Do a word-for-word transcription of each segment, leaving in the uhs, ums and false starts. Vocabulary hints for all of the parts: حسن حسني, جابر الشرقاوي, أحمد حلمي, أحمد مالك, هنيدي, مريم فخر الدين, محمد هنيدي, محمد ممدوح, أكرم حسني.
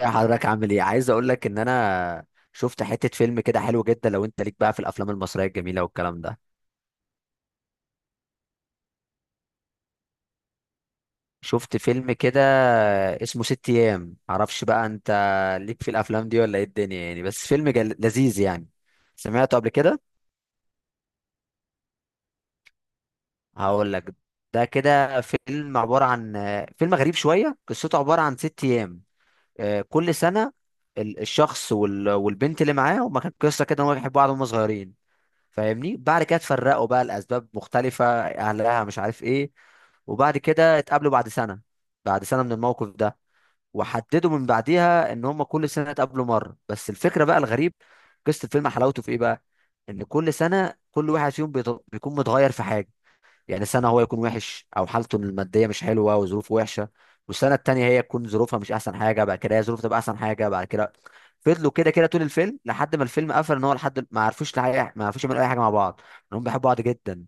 يا حضرتك، عامل ايه؟ عايز اقول لك ان انا شفت حتة فيلم كده حلو جدا. لو انت ليك بقى في الافلام المصرية الجميلة والكلام ده. شفت فيلم كده اسمه ست ايام. معرفش بقى انت ليك في الافلام دي ولا ايه الدنيا يعني. بس فيلم جل... لذيذ يعني. سمعته قبل كده؟ هقول لك. ده كده فيلم عبارة عن فيلم غريب شوية. قصته عبارة عن ست ايام. آه، كل سنة ال- الشخص وال... والبنت اللي معاه، هما كانت قصة كده ان هما بيحبوا بعض وهما صغيرين، فاهمني. بعد كده اتفرقوا بقى لاسباب مختلفه، اهلها مش عارف ايه. وبعد كده اتقابلوا بعد سنه، بعد سنه من الموقف ده. وحددوا من بعديها ان هم كل سنه اتقابلوا مره. بس الفكره بقى الغريب، قصه الفيلم حلاوته في ايه بقى، ان كل سنه كل واحد فيهم بيت- بيكون متغير في حاجه. يعني سنة هو يكون وحش أو حالته المادية مش حلوة وظروفه وحشة، والسنة التانية هي تكون ظروفها مش أحسن حاجة. بعد كده هي ظروفها تبقى أحسن حاجة بعد كده. فضلوا كده كده طول الفيلم لحد ما الفيلم قفل. إن هو لحد ما عرفوش لحقيقة، ما عرفوش يعملوا أي حاجة مع بعض، إنهم بيحبوا بعض جدا،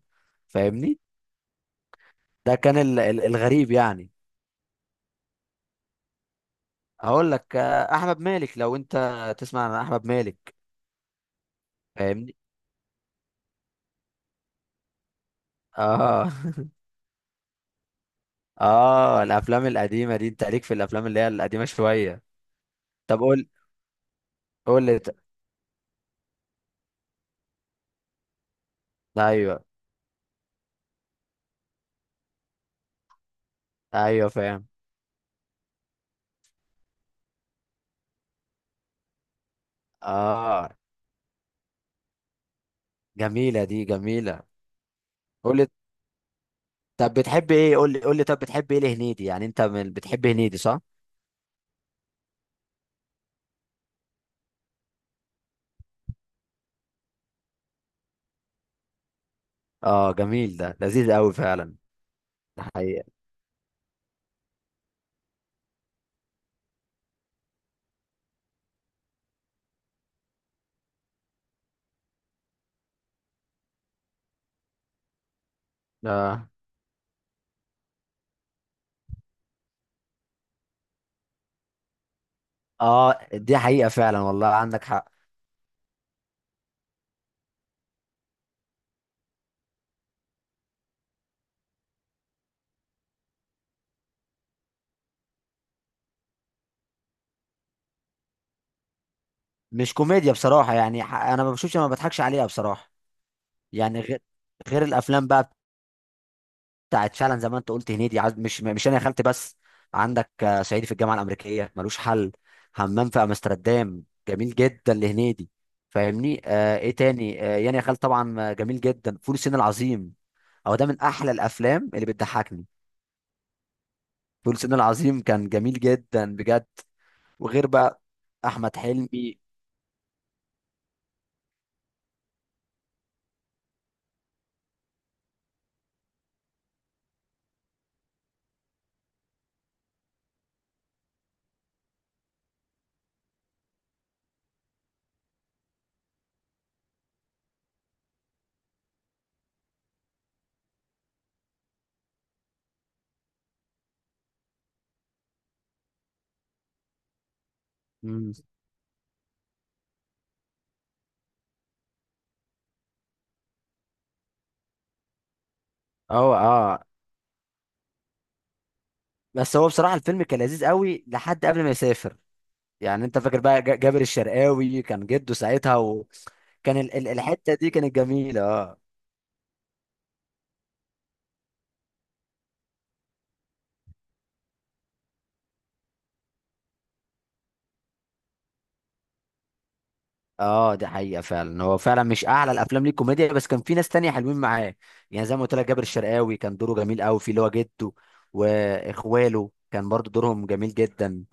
فاهمني. ده كان ال- ال- الغريب يعني. هقول لك، آه، أحمد مالك. لو أنت تسمع عن أحمد مالك، فاهمني. آه آه، الأفلام القديمة دي. أنت ليك في الأفلام اللي هي القديمة شوية؟ طب قول. قول لي. أيوه أيوه فاهم. اه، جميلة، دي جميلة. قول لي، طب بتحب ايه؟ قول لي قول لي، طب بتحب ايه لهنيدي؟ يعني انت من بتحب هنيدي، صح؟ اه، جميل، ده لذيذ قوي فعلا. ده حقيقة. اه اه، دي حقيقة فعلا والله، عندك حق. مش كوميديا بصراحة يعني، ح- انا ما بشوفش ما بضحكش عليها بصراحة. يعني غير، غير الافلام بقى بتاعت فعلا زي ما انت قلت هنيدي. عايز مش مش انا يا خالتي، بس عندك آه، صعيدي في الجامعه الامريكيه، ملوش حل. همام في امستردام، جميل جدا لهنيدي، فاهمني. آه، ايه تاني؟ آه يعني يا خالتي طبعا، آه، جميل جدا فول الصين العظيم. هو ده من احلى الافلام اللي بتضحكني. فول الصين العظيم كان جميل جدا بجد. وغير بقى احمد حلمي. مم. اه اه. بس هو بصراحه الفيلم كان لذيذ قوي لحد قبل ما يسافر. يعني انت فاكر بقى ج- جابر الشرقاوي كان جده ساعتها. كان ال- ال- الحته دي كانت جميله، اه. اه دي حقيقه فعلا. هو فعلا مش اعلى الافلام ليه كوميديا، بس كان في ناس تانية حلوين معاه. يعني زي ما قلت لك جابر الشرقاوي كان دوره جميل قوي في اللي هو جده، واخواله كان برضو دورهم جميل جدا،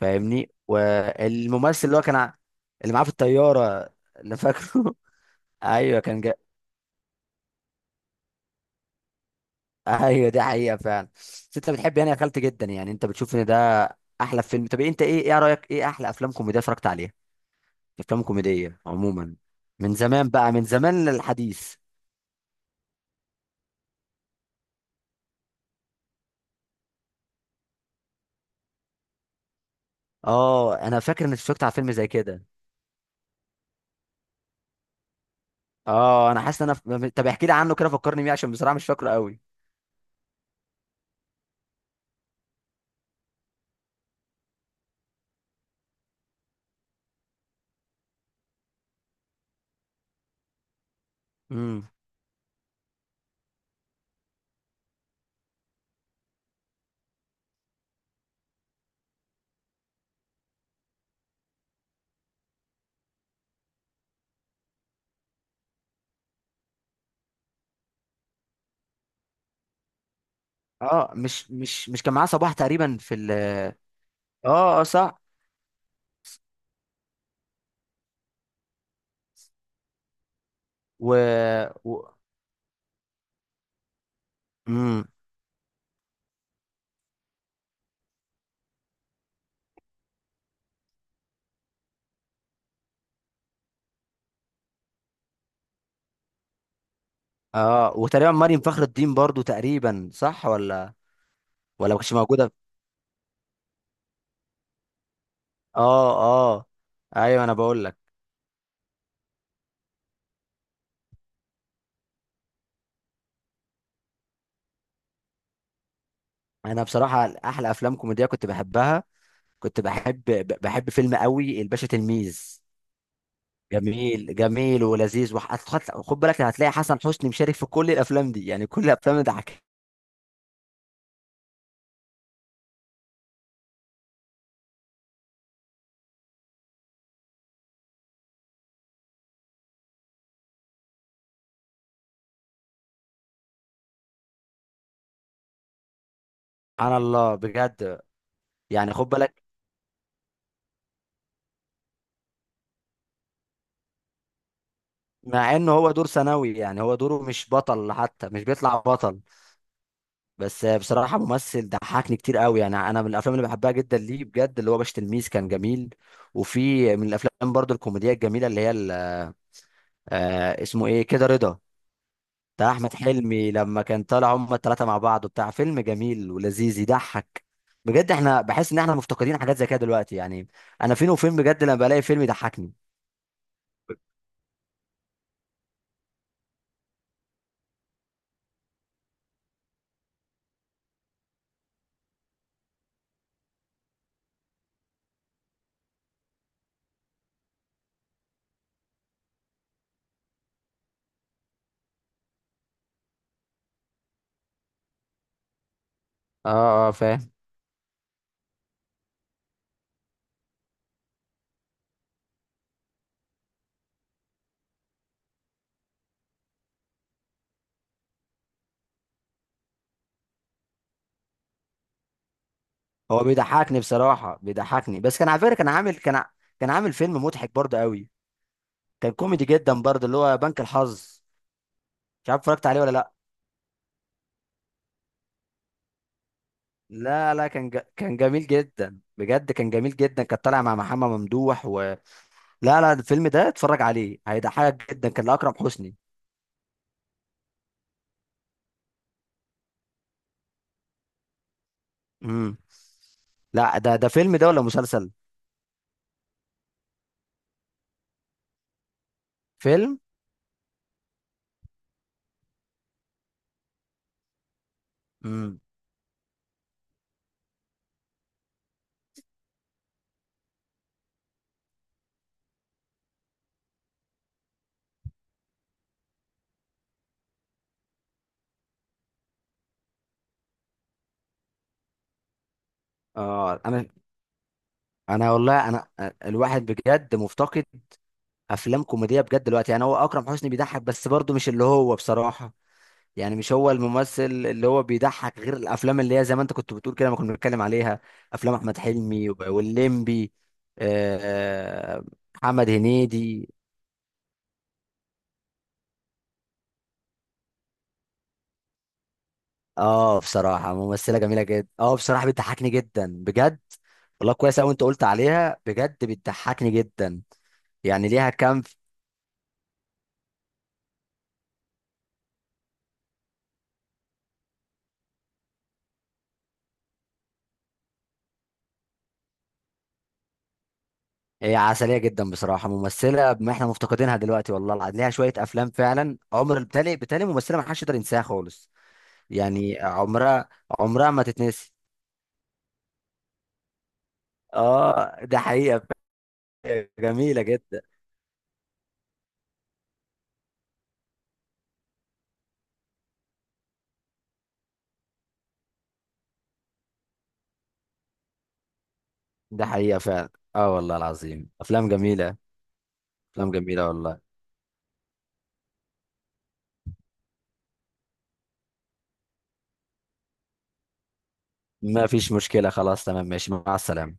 فاهمني. والممثل اللي هو كان ع- اللي معاه في الطياره، اللي فاكره. ايوه كان جا... ايوه دي حقيقه فعلا. بس انت بتحب يعني يا خالتي جدا، يعني انت بتشوف ان ده احلى فيلم؟ طب انت ايه، ايه رايك؟ ايه احلى افلام كوميديا اتفرجت عليها؟ افلام كوميديه عموما، من زمان بقى، من زمان للحديث. اه، انا فاكر اني اتفرجت على فيلم زي كده. اه، انا حاسس ان انا ف- طب احكي لي عنه كده، فكرني بيه عشان بصراحه مش فاكره قوي. امم. اه، مش مش مش كان معاه صباح تقريبا في ال... اه اه صح. و، و... امم. اه، وتقريبا مريم فخر الدين برضو تقريبا، صح ولا؟ ولا ما كانتش موجوده؟ اه اه ايوه انا بقول لك. انا بصراحه احلى افلام كوميديه كنت بحبها، كنت بحب ب- بحب فيلم قوي الباشا تلميذ. جميل جميل ولذيذ وح- خد خد بالك، هتلاقي حسن حسني مشارك في كل الافلام دي. يعني كل الافلام ده حكي. سبحان الله بجد. يعني خد بالك، مع انه هو دور ثانوي، يعني هو دوره مش بطل حتى، مش بيطلع بطل. بس بصراحه ممثل ضحكني كتير قوي. يعني انا من الافلام اللي بحبها جدا ليه بجد اللي هو باشا تلميذ، كان جميل. وفي من الافلام برضو الكوميديا الجميله اللي هي ال- آه، اسمه ايه كده، رضا. بتاع احمد حلمي لما كان طالع هما الثلاثه مع بعض وبتاع، فيلم جميل ولذيذ يضحك بجد. احنا بحس ان احنا مفتقدين حاجات زي كده دلوقتي يعني. انا فين وفين بجد لما بلاقي فيلم يضحكني. اه اه فاهم. هو بيضحكني بصراحه بيضحكني. بس كان على فكره كان عامل كان ع- كان عامل فيلم مضحك برضه قوي. كان كوميدي جدا برضه اللي هو بنك الحظ. مش عارف اتفرجت عليه ولا لا. لا لا كان ج... كان جميل جدا بجد. كان جميل جدا كان طالع مع محمد ممدوح و... لا لا، الفيلم ده اتفرج عليه هيضحكك جدا، كان لأكرم حسني. امم. لا، ده ده فيلم ده ولا مسلسل؟ فيلم. امم. اه، انا انا والله انا الواحد بجد مفتقد افلام كوميديه بجد دلوقتي. يعني هو اكرم حسني بيضحك بس برضه مش اللي هو بصراحه. يعني مش هو الممثل اللي هو بيضحك غير الافلام اللي هي زي ما انت كنت بتقول كده ما كنا بنتكلم عليها. افلام احمد حلمي وب- والليمبي آه، آه، محمد هنيدي. اه بصراحه ممثله جميله جدا. اه بصراحه بتضحكني جدا بجد. والله كويس قوي انت قلت عليها بجد، بتضحكني جدا. يعني ليها كام ف- هي عسليه جدا بصراحه. ممثله ما احنا مفتقدينها دلوقتي والله العظيم، ليها شويه افلام فعلا عمر بالتالي بالتالي. ممثله ما حدش يقدر ينساها خالص. يعني عمرها، عمرها ما تتنسي. اه ده حقيقه فعلاً، جميله جدا. ده حقيقه فعلا. اه والله العظيم افلام جميله. افلام جميله والله. ما فيش مشكله، خلاص تمام، ماشي، مع السلامه.